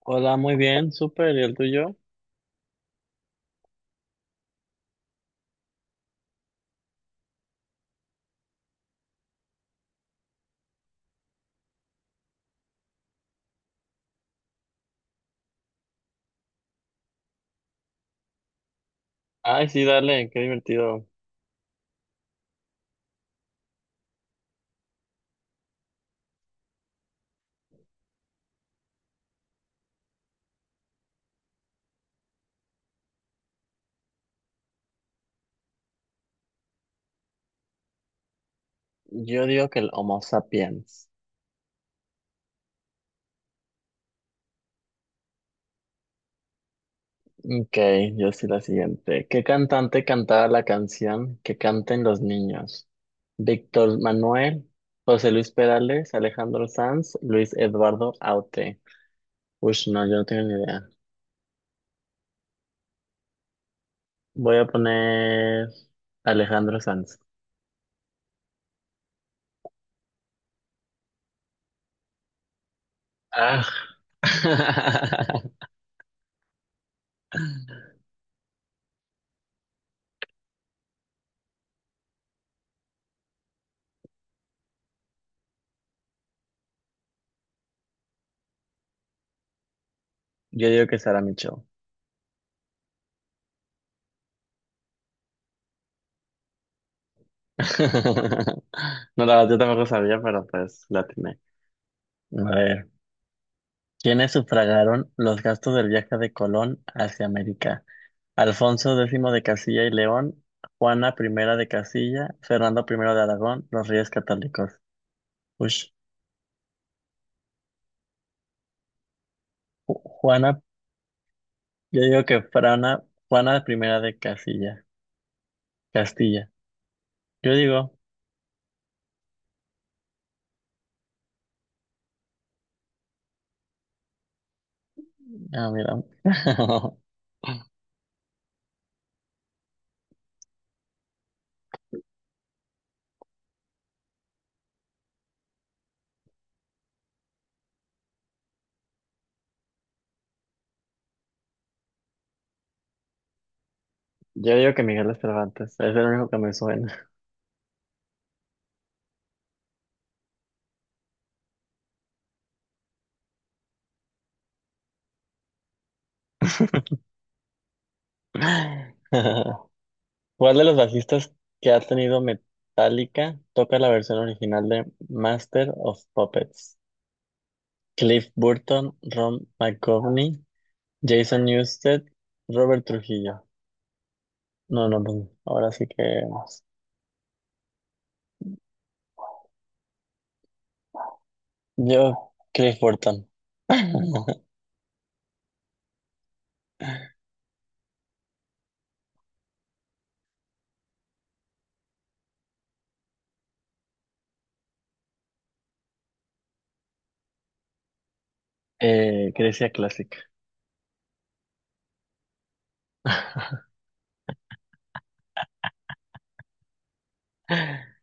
Hola, muy bien, súper, ¿y el tuyo? Ay, sí, dale, qué divertido. Yo digo que el Homo sapiens. Ok, yo sí la siguiente. ¿Qué cantante cantaba la canción Que canten los niños? Víctor Manuel, José Luis Perales, Alejandro Sanz, Luis Eduardo Aute. Uy, no, yo no tengo ni idea. Voy a poner Alejandro Sanz. Ah. Yo digo que Sara Micho. No, la verdad, yo tampoco sabía, pero pues la atiné. A ver, ¿quiénes sufragaron los gastos del viaje de Colón hacia América? Alfonso X de Castilla y León, Juana I de Castilla, Fernando I de Aragón, los Reyes Católicos. Ush, Juana, yo digo que Frana, Juana I de Castilla, Castilla. Yo digo, ah, mira. Yo digo que Miguel de Cervantes, es el único que me suena. ¿Cuál de los bajistas que ha tenido Metallica toca la versión original de Master of Puppets? Cliff Burton, Ron McGovney, Jason Newsted, Robert Trujillo. No, no, pues, ahora sí que vamos. Yo, Cliff Burton. Grecia clásica.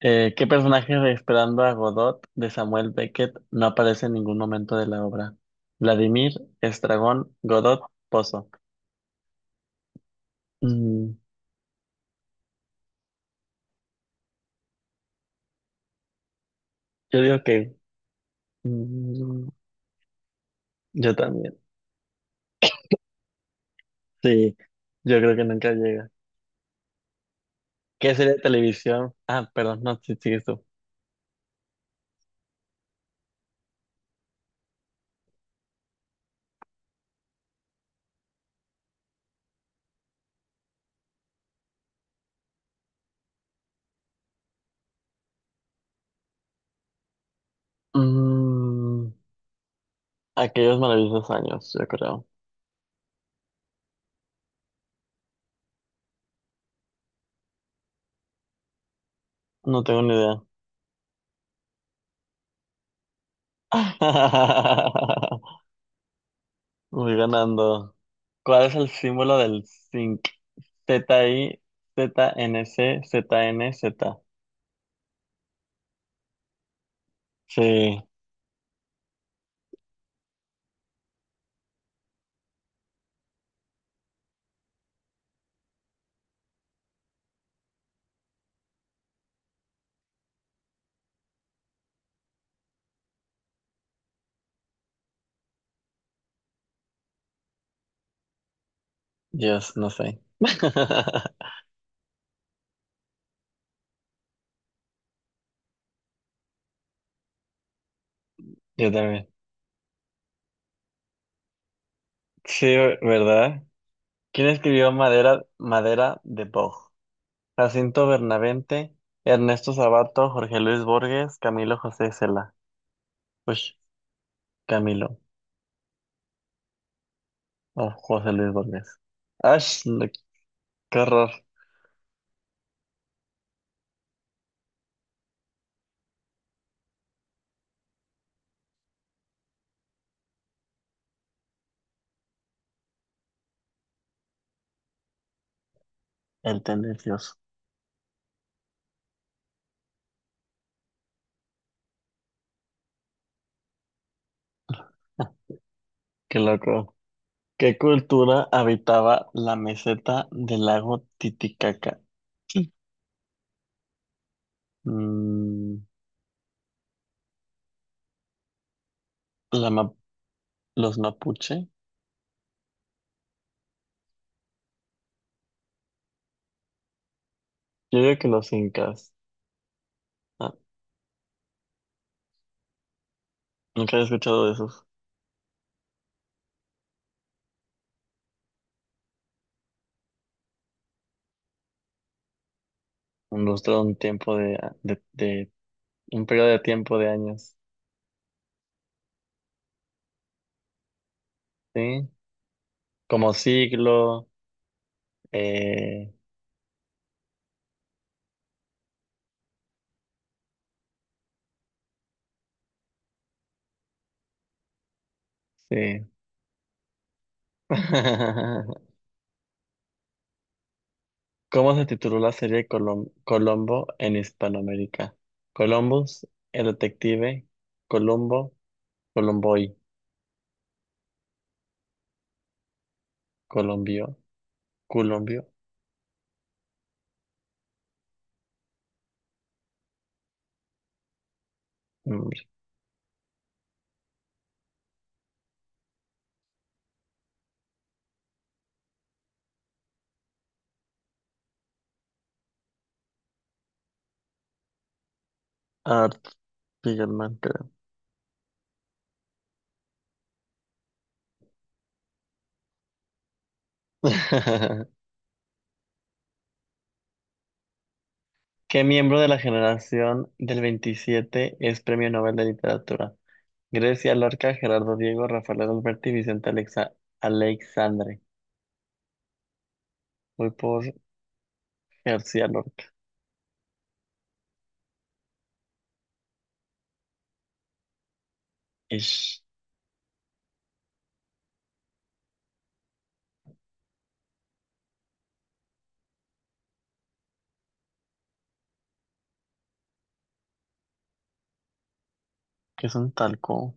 ¿Qué personaje de Esperando a Godot de Samuel Beckett no aparece en ningún momento de la obra? Vladimir, Estragón, Godot, Pozo. Mm, yo digo que Mm, Yo también. Sí, yo creo que nunca llega. ¿Qué serie de televisión? Ah, perdón, no, sí, sigues tú. Mm, aquellos maravillosos años, yo creo. No tengo ni idea. Voy ganando. ¿Cuál es el símbolo del zinc? Z-I, Z-N-C, Z-N-Z. Sí, Dios, no sé. Yo también. Sí, ¿verdad? ¿Quién escribió Madera, Madera de Boj? Jacinto Bernavente, Ernesto Sabato, Jorge Luis Borges, Camilo José Cela. Ush, Camilo, o José Luis Borges. Ash, no, qué horror, el tendencioso. Qué loco. ¿Qué cultura habitaba la meseta del lago Titicaca? Mm, la ma- los mapuche. Yo digo que los incas. Ah, nunca había escuchado de esos. Un lustro, un tiempo de, de- un periodo de tiempo de años. ¿Sí? Como siglo. Eh, sí. ¿Cómo se tituló la serie Colombo en Hispanoamérica? Columbus, el detective, Colombo, Colomboy, Colombio, Colombio, hombre, Art Spiegelman, creo. ¿Qué miembro de la generación del 27 es Premio Nobel de Literatura? Grecia Lorca, Gerardo Diego, Rafael Alberti, Vicente Alexandre. Voy por García Lorca. Ish, ¿qué es un talco?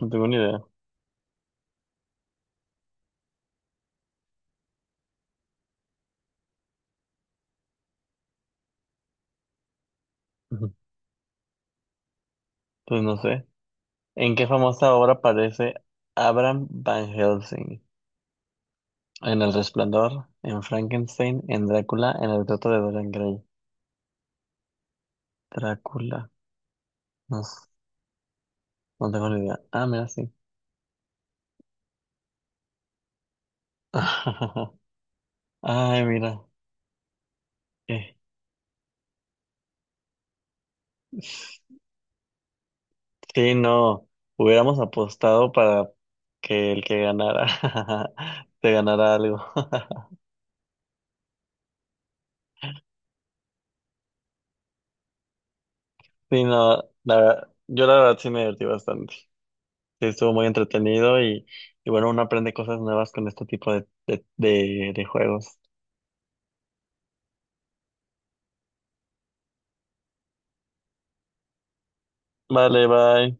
No tengo ni idea. Ujú. Pues no sé. ¿En qué famosa obra aparece Abraham Van Helsing? En El Resplandor, en Frankenstein, en Drácula, en El retrato de Dorian Gray. Drácula. No, s- no tengo ni idea. Ah, mira, sí. Ay, mira. Eh, Sí, no. Hubiéramos apostado para que el que ganara te ganara algo. Sí, no. Yo la verdad sí me divertí bastante. Sí, estuvo muy entretenido y bueno, uno aprende cosas nuevas con este tipo de juegos. Vale, bye.